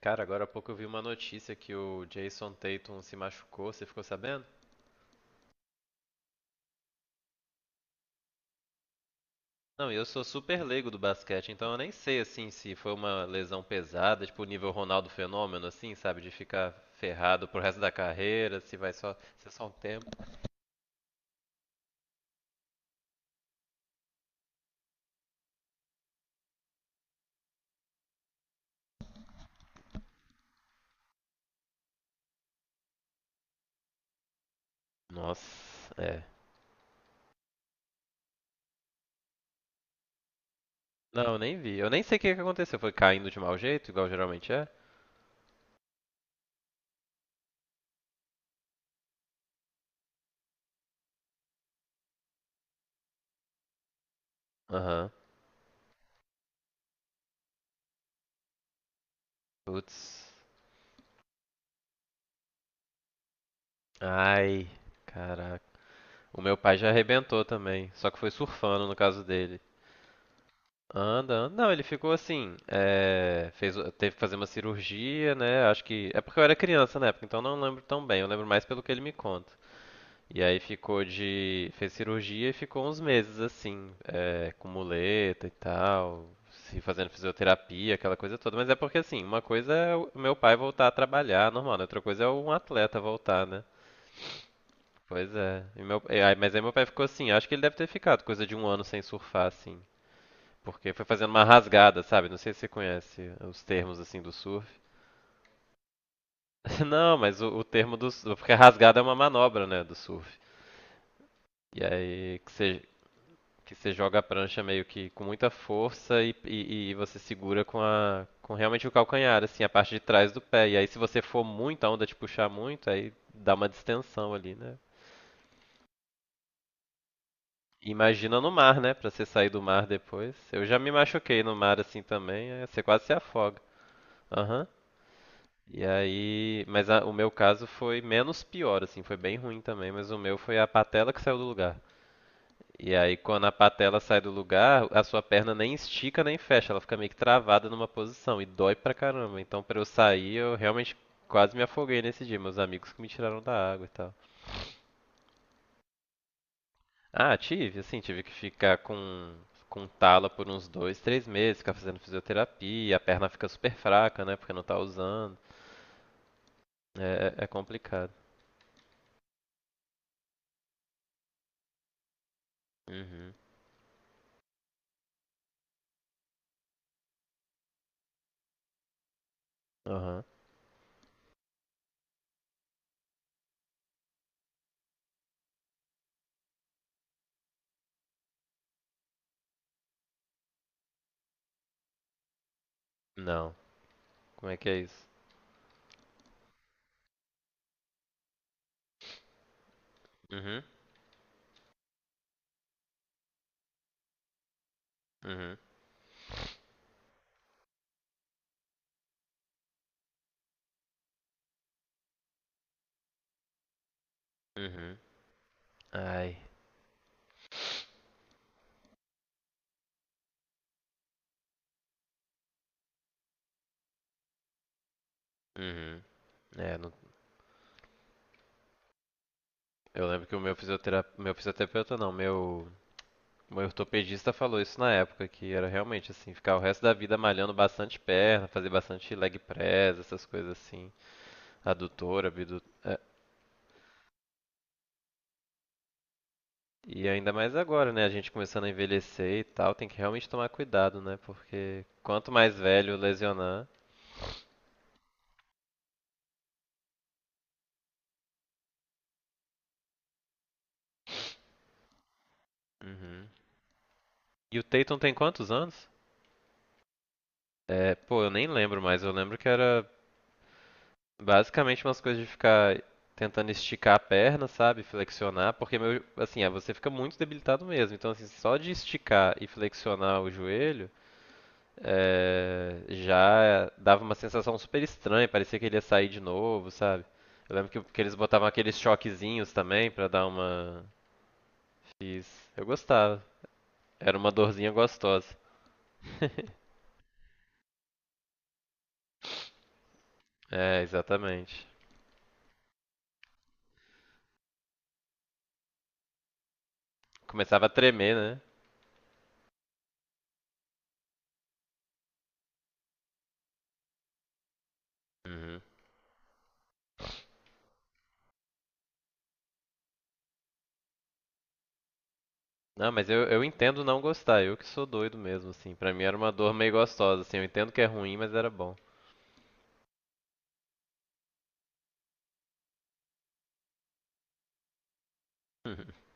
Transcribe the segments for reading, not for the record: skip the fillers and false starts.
Cara, agora há pouco eu vi uma notícia que o Jason Tatum se machucou, você ficou sabendo? Não, e eu sou super leigo do basquete, então eu nem sei assim se foi uma lesão pesada, tipo o nível Ronaldo Fenômeno, assim, sabe? De ficar ferrado pro resto da carreira, se vai só ser só um tempo. Nossa, é. Não, eu nem vi. Eu nem sei o que aconteceu. Foi caindo de mau jeito, igual geralmente é? Aham. Putz. Ai, caraca. O meu pai já arrebentou também, só que foi surfando no caso dele. Anda, anda. Não, ele ficou assim. Fez, teve que fazer uma cirurgia, né? Acho que. É porque eu era criança na época, então não lembro tão bem. Eu lembro mais pelo que ele me conta. E aí ficou de. Fez cirurgia e ficou uns meses assim, com muleta e tal, se fazendo fisioterapia, aquela coisa toda. Mas é porque assim, uma coisa é o meu pai voltar a trabalhar, normal, né? Outra coisa é um atleta voltar, né? Pois é. Mas aí meu pai ficou assim, acho que ele deve ter ficado coisa de um ano sem surfar, assim. Porque foi fazendo uma rasgada, sabe? Não sei se você conhece os termos assim do surf. Não, mas o termo do surf, porque a rasgada é uma manobra, né, do surf. E aí que você joga a prancha meio que com muita força e você segura com a com realmente o calcanhar, assim, a parte de trás do pé. E aí se você for muito, a onda te puxar muito, aí dá uma distensão ali, né? Imagina no mar, né? Pra você sair do mar depois. Eu já me machuquei no mar assim também, você quase se afoga. Aham. E aí, mas o meu caso foi menos pior, assim, foi bem ruim também, mas o meu foi a patela que saiu do lugar. E aí, quando a patela sai do lugar, a sua perna nem estica nem fecha, ela fica meio que travada numa posição e dói pra caramba. Então, pra eu sair, eu realmente quase me afoguei nesse dia, meus amigos que me tiraram da água e tal. Ah, tive, assim, tive que ficar com tala por uns dois, três meses, ficar fazendo fisioterapia, a perna fica super fraca, né, porque não tá usando. É, é complicado. Uhum. Aham. Não. Como é que é isso? Uhum, uhum, uhum. Ai. Uhum. É, não- eu lembro que o meu fisioterapeuta não, meu ortopedista falou isso na época, que era realmente assim, ficar o resto da vida malhando bastante perna, fazer bastante leg press, essas coisas assim, adutora, abdutora. E ainda mais agora, né? A gente começando a envelhecer e tal, tem que realmente tomar cuidado, né? Porque quanto mais velho lesionar. Uhum. E o Tatum tem quantos anos? É, pô, eu nem lembro mais. Eu lembro que era basicamente umas coisas de ficar tentando esticar a perna, sabe? Flexionar, porque meu, assim, ah, você fica muito debilitado mesmo. Então, assim, só de esticar e flexionar o joelho, já dava uma sensação super estranha. Parecia que ele ia sair de novo, sabe? Eu lembro que eles botavam aqueles choquezinhos também pra dar uma. Fiz. Eu gostava. Era uma dorzinha gostosa. É, exatamente. Começava a tremer, né? Uhum. Não, mas eu entendo não gostar, eu que sou doido mesmo, assim. Pra mim era uma dor meio gostosa, assim. Eu entendo que é ruim, mas era bom.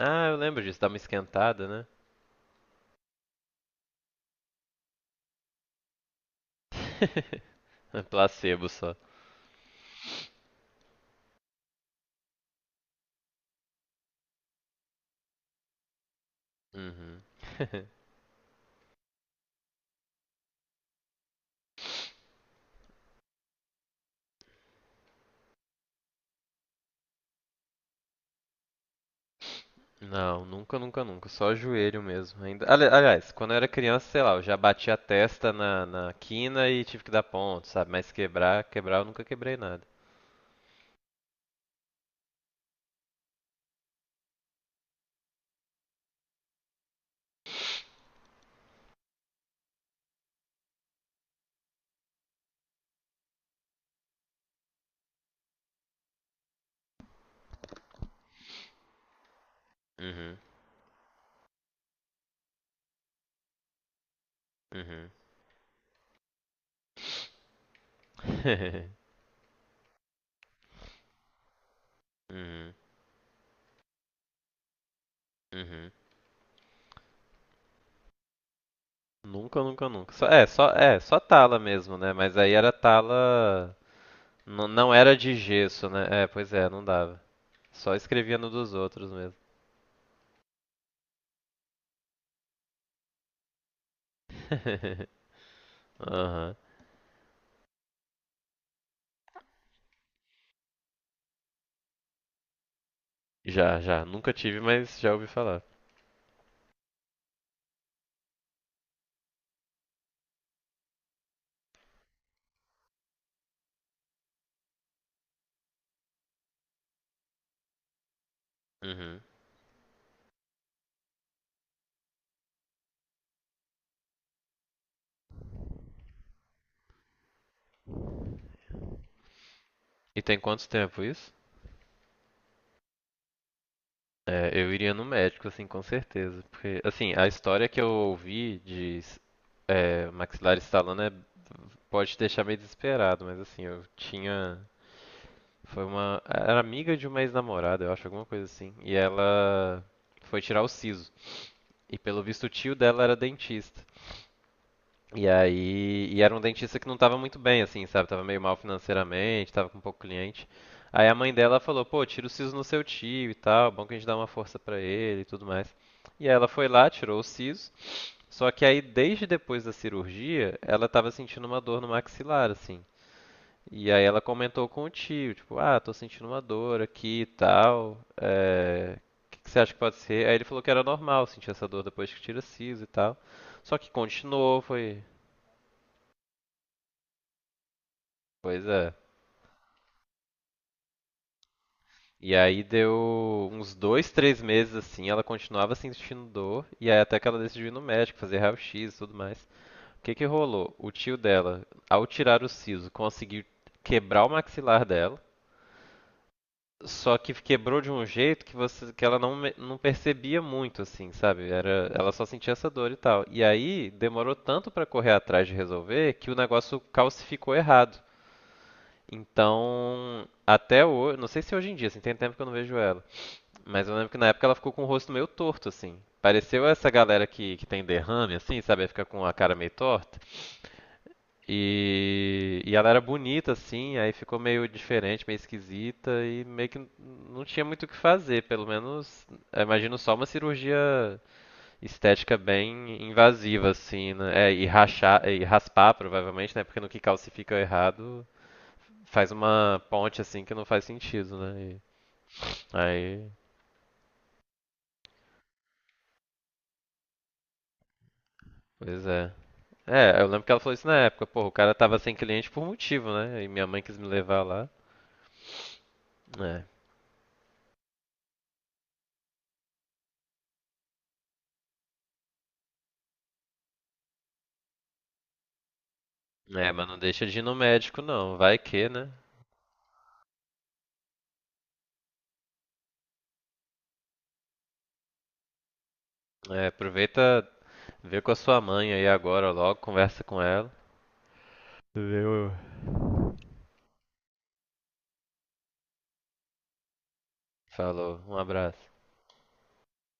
Ah, eu lembro disso, dá uma esquentada, né? É placebo só. Uhum. Não, nunca, nunca, nunca. Só joelho mesmo. Ainda... Aliás, quando eu era criança, sei lá, eu já bati a testa na, na quina e tive que dar ponto, sabe? Mas quebrar, quebrar eu nunca quebrei nada. Uhum, uhum. Uhum, uhum. Nunca, nunca, nunca. Só tala mesmo, né? Mas aí era tala. Não era de gesso, né? É, pois é, não dava. Só escrevia no dos outros mesmo. Aham. Já, já. Nunca tive, mas já ouvi falar. Uhum. E tem quanto tempo isso? É, eu iria no médico, assim, com certeza. Porque, assim, a história que eu ouvi de maxilar estalando pode te deixar meio desesperado, mas assim, eu tinha. Foi uma. Era amiga de uma ex-namorada, eu acho, alguma coisa assim. E ela foi tirar o siso. E pelo visto o tio dela era dentista. E aí. E era um dentista que não tava muito bem, assim, sabe? Tava meio mal financeiramente, tava com pouco cliente. Aí a mãe dela falou: pô, tira o siso no seu tio e tal, bom que a gente dá uma força pra ele e tudo mais. E aí ela foi lá, tirou o siso. Só que aí, desde depois da cirurgia, ela tava sentindo uma dor no maxilar, assim. E aí ela comentou com o tio, tipo, ah, tô sentindo uma dor aqui e tal. É... O que você acha que pode ser? Aí ele falou que era normal sentir essa dor depois que tira siso e tal. Só que continuou, foi. Pois é. E aí deu uns dois, três meses assim, ela continuava sentindo dor, e aí até que ela decidiu ir no médico, fazer raio-x e tudo mais. O que rolou? O tio dela, ao tirar o siso, conseguiu quebrar o maxilar dela. Só que quebrou de um jeito que você, que ela não, não percebia muito, assim, sabe? Era, ela só sentia essa dor e tal. E aí demorou tanto pra correr atrás de resolver que o negócio calcificou errado. Então, até hoje, não sei se hoje em dia, assim, tem tempo que eu não vejo ela. Mas eu lembro que na época ela ficou com o rosto meio torto, assim. Pareceu essa galera que tem derrame, assim, sabe? Aí fica com a cara meio torta. E ela era bonita, assim, aí ficou meio diferente, meio esquisita, e meio que não tinha muito o que fazer, pelo menos, eu imagino só uma cirurgia estética bem invasiva, assim, né? É, e rachar, e raspar, provavelmente, né? Porque no que calcifica errado, faz uma ponte, assim, que não faz sentido, né? E, aí, pois é. É, eu lembro que ela falou isso na época, pô, o cara tava sem cliente por motivo, né? E minha mãe quis me levar lá. É, mas não deixa de ir no médico, não, vai que, né? É, aproveita, vê com a sua mãe aí agora logo, conversa com ela. Valeu. Falou, um abraço.